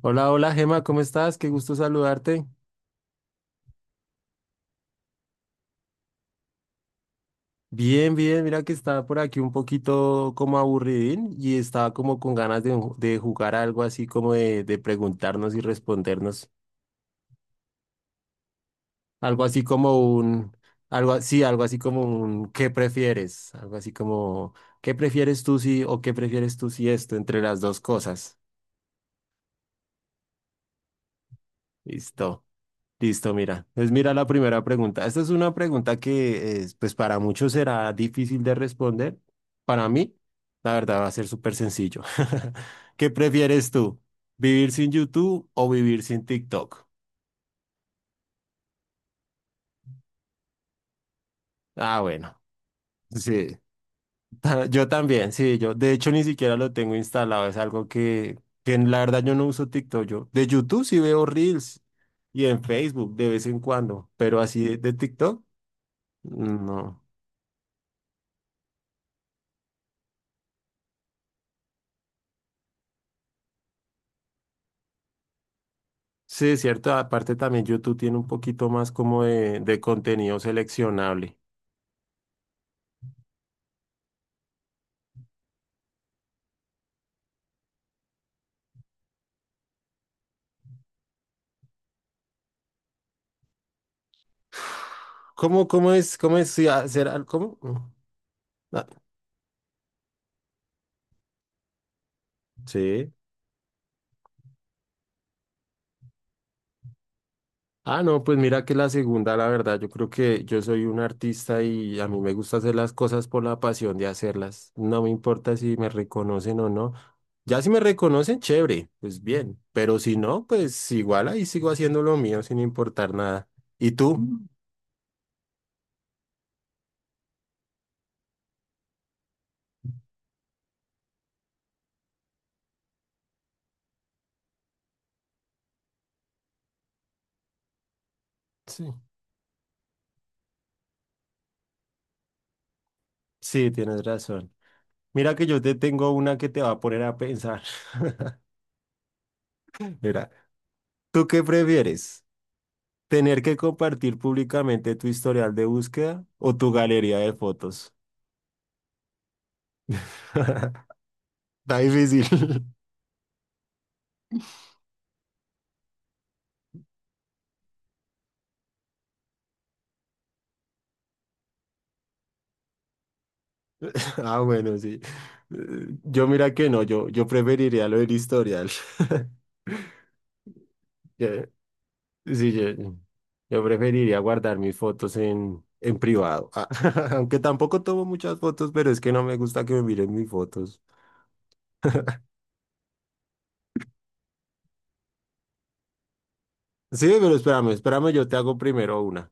Hola, hola Gema, ¿cómo estás? Qué gusto saludarte. Bien, bien, mira que estaba por aquí un poquito como aburridín y estaba como con ganas de jugar algo así como de preguntarnos y respondernos. Algo así como un, Algo así como un ¿qué prefieres? Algo así como qué prefieres tú si esto entre las dos cosas? Listo. Listo, mira. Pues mira la primera pregunta. Esta es una pregunta que, pues para muchos será difícil de responder. Para mí, la verdad, va a ser súper sencillo. ¿Qué prefieres tú? ¿Vivir sin YouTube o vivir sin TikTok? Ah, bueno. Sí, yo también, sí, yo. De hecho, ni siquiera lo tengo instalado. Es algo que en la verdad yo no uso TikTok. Yo de YouTube sí veo Reels y en Facebook de vez en cuando, pero así de TikTok, no. Sí, es cierto. Aparte también YouTube tiene un poquito más como de contenido seleccionable. ¿Cómo es sí, cómo? Ah, sí. Ah, no, pues mira que la segunda, la verdad, yo creo que yo soy un artista y a mí me gusta hacer las cosas por la pasión de hacerlas. No me importa si me reconocen o no. Ya si me reconocen, chévere, pues bien. Pero si no, pues igual ahí sigo haciendo lo mío sin importar nada. ¿Y tú? Mm. Sí, sí, tienes razón. Mira que yo te tengo una que te va a poner a pensar. Mira, ¿tú qué prefieres? ¿Tener que compartir públicamente tu historial de búsqueda o tu galería de fotos? Está difícil. Ah, bueno, sí. Yo mira que no, yo preferiría lo del historial. Yo- sí, yo preferiría guardar mis fotos en privado. Ah, aunque tampoco tomo muchas fotos, pero es que no me gusta que me miren mis fotos. Sí, pero espérame, espérame, yo te hago primero una.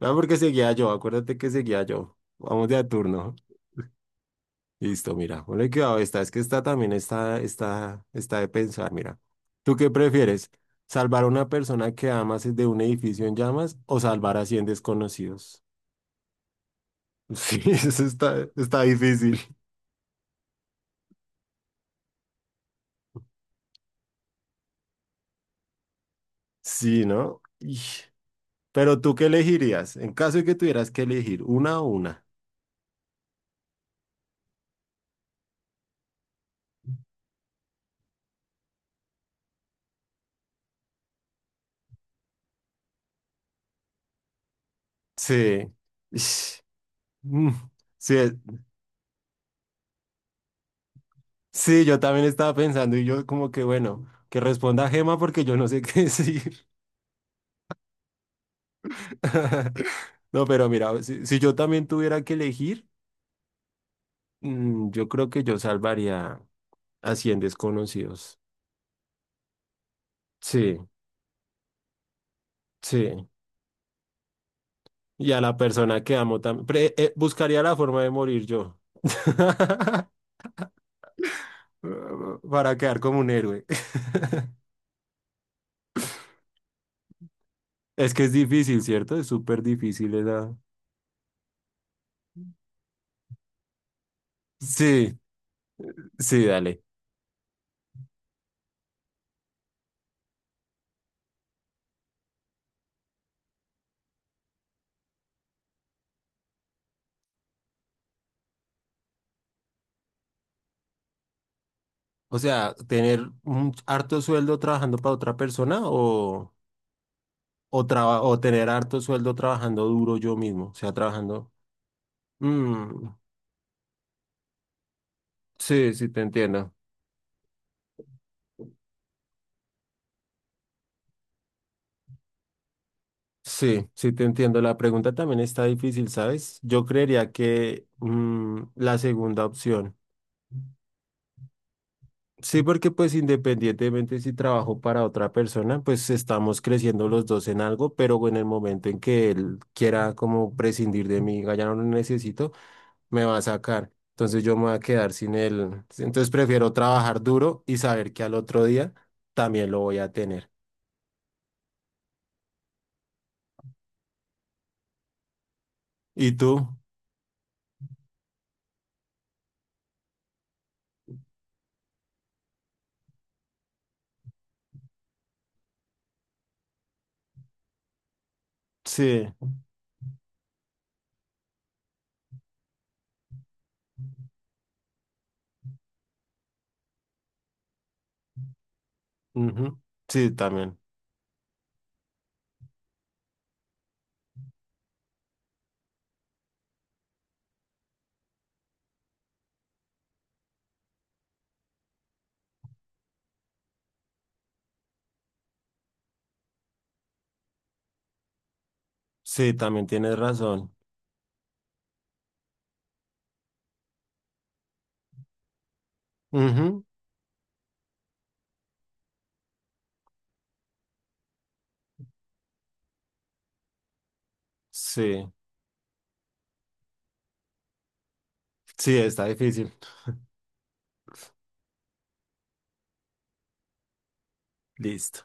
No, porque seguía yo, acuérdate que seguía yo. Vamos de a turno. Listo, mira, ponle cuidado esta, es que esta también está de pensar, mira. ¿Tú qué prefieres? ¿Salvar a una persona que amas de un edificio en llamas o salvar a 100 desconocidos? Sí, eso está difícil. Sí, ¿no? Ish. Pero ¿tú qué elegirías? En caso de que tuvieras que elegir una o una. Sí. Ish. Mm. Sí, sí, yo también estaba pensando y yo como que bueno, que responda Gema porque yo no sé qué decir. No, pero mira, si yo también tuviera que elegir, yo creo que yo salvaría a 100 desconocidos. Sí, sí. Y a la persona que amo también. Buscaría la forma de morir yo. Para quedar como un héroe. Es que es difícil, ¿cierto? Es súper difícil esa. Sí, sí, dale. O sea, tener un harto sueldo trabajando para otra persona o tener harto sueldo trabajando duro yo mismo, o sea, trabajando. Mm, sí, sí, te entiendo. Sí, sí, te entiendo. La pregunta también está difícil, ¿sabes? Yo creería que la segunda opción. Sí, porque pues independientemente si trabajo para otra persona, pues estamos creciendo los dos en algo, pero en el momento en que él quiera como prescindir de mí, diga, ya no lo necesito. Me va a sacar. Entonces yo me voy a quedar sin él. Entonces prefiero trabajar duro y saber que al otro día también lo voy a tener. ¿Y tú? Sí, ujú, sí, también. Sí, también tienes razón. Ujú, sí, sí, está difícil. Listo.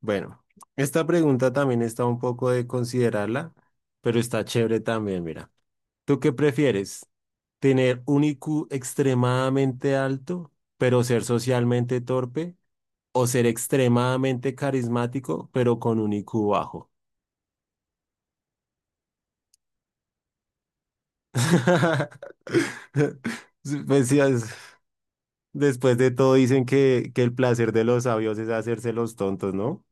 Bueno, esta pregunta también está un poco de considerarla, pero está chévere también, mira. ¿Tú qué prefieres? ¿Tener un IQ extremadamente alto, pero ser socialmente torpe? O ser extremadamente carismático, pero con un IQ bajo. Pues sí, después de todo dicen que el placer de los sabios es hacerse los tontos, ¿no?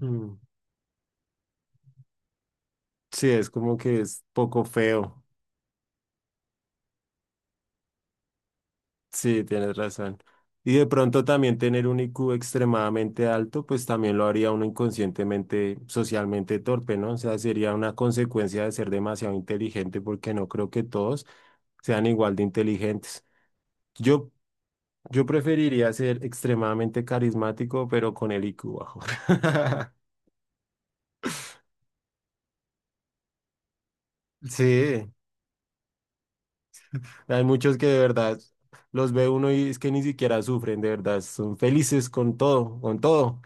Mm. Sí, es como que es poco feo. Sí, tienes razón. Y de pronto también tener un IQ extremadamente alto, pues también lo haría uno inconscientemente, socialmente torpe, ¿no? O sea, sería una consecuencia de ser demasiado inteligente porque no creo que todos sean igual de inteligentes. Yo, yo preferiría ser extremadamente carismático, pero con el IQ bajo. Sí, hay muchos que de verdad los ve uno y es que ni siquiera sufren, de verdad, son felices con todo, con todo.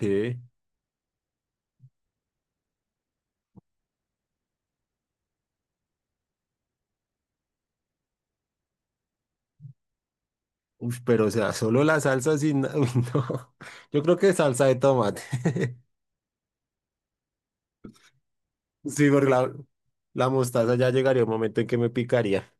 Sí, uf, pero o sea, solo la salsa sin... uy, no. Yo creo que salsa de tomate. Sí, porque la mostaza ya llegaría un momento en que me picaría.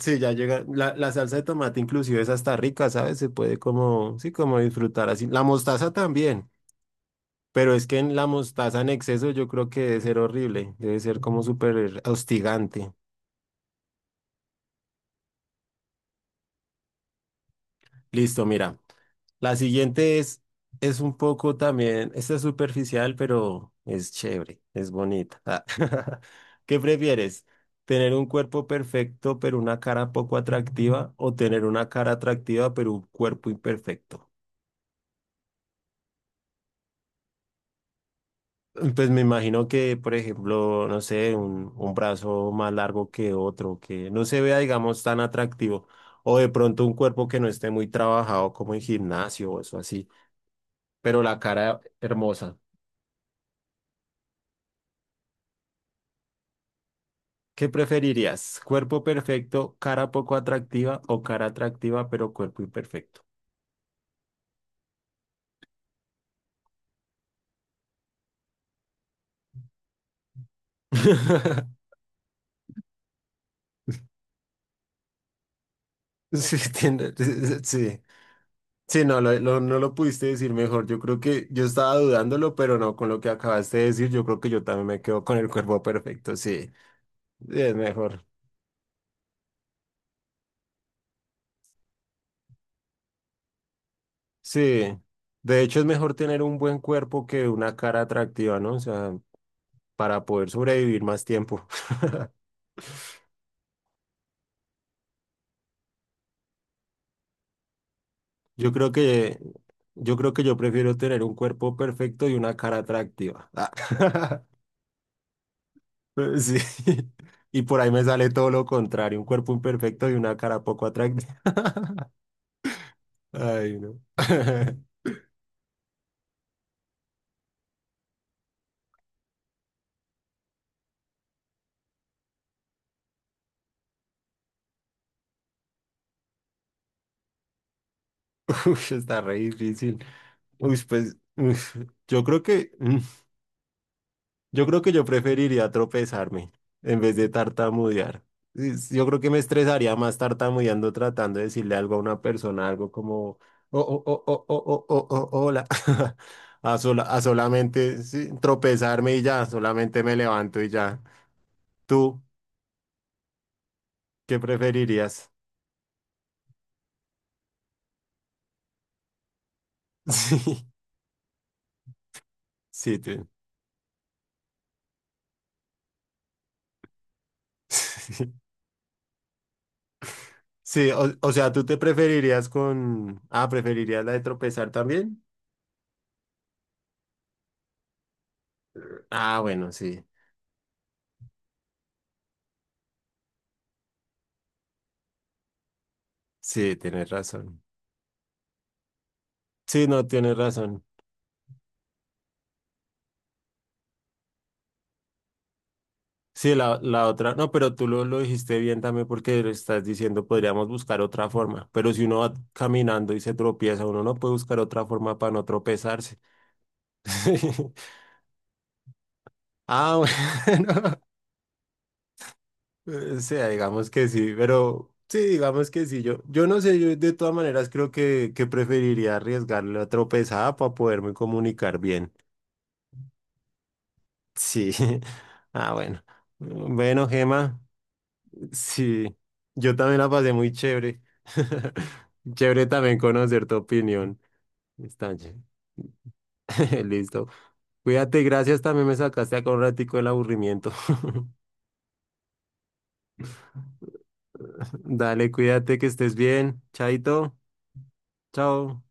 Sí, ya llega. La salsa de tomate inclusive es hasta rica, ¿sabes? Se puede como, sí, como disfrutar así. La mostaza también. Pero es que en la mostaza en exceso yo creo que debe ser horrible, debe ser como súper hostigante. Listo, mira. La siguiente es un poco también, esta es superficial, pero es chévere, es bonita. Ah, ¿Qué prefieres? ¿Tener un cuerpo perfecto pero una cara poco atractiva o tener una cara atractiva pero un cuerpo imperfecto? Pues me imagino que, por ejemplo, no sé, un brazo más largo que otro, que no se vea, digamos, tan atractivo, o de pronto un cuerpo que no esté muy trabajado como en gimnasio o eso así, pero la cara hermosa. ¿Qué preferirías? ¿Cuerpo perfecto, cara poco atractiva o cara atractiva pero cuerpo imperfecto? Sí, entiendo. Sí. Sí, no, no lo pudiste decir mejor. Yo creo que yo estaba dudándolo, pero no, con lo que acabaste de decir, yo creo que yo también me quedo con el cuerpo perfecto. Sí, sí, es mejor. Sí. De hecho, es mejor tener un buen cuerpo que una cara atractiva, ¿no? O sea, para poder sobrevivir más tiempo. Yo creo que, yo creo que yo prefiero tener un cuerpo perfecto y una cara atractiva. Ah. Sí. Y por ahí me sale todo lo contrario, un cuerpo imperfecto y una cara poco atractiva. Ay, no. Uf, está re difícil. Uy, pues, uf, yo creo que, mm, yo creo que yo preferiría tropezarme en vez de tartamudear. Yo creo que me estresaría más tartamudeando tratando de decirle algo a una persona, algo como, oh, oh, oh, oh, oh, oh, oh, oh, hola. A solamente sí, tropezarme y ya, solamente me levanto y ya. ¿Tú qué preferirías? Sí, sí, tú. Sí, o sea, ¿tú te preferirías con... Ah, ¿preferirías la de tropezar también? Ah, bueno, sí, sí, tienes razón. Sí, no, tienes razón. Sí, la otra, no, pero tú lo dijiste bien también porque lo estás diciendo, podríamos buscar otra forma, pero si uno va caminando y se tropieza, uno no puede buscar otra forma para no tropezarse. Ah, bueno. O sea, digamos que sí, pero sí, digamos que sí. Yo no sé, yo de todas maneras creo que preferiría arriesgar la tropezada para poderme comunicar bien. Sí. Ah, bueno. Bueno, Gema, sí. Yo también la pasé muy chévere. Chévere también conocer tu opinión. Está ch- Listo. Cuídate, gracias. También me sacaste acá un ratico del aburrimiento. Dale, cuídate, que estés bien. Chaito. Chao.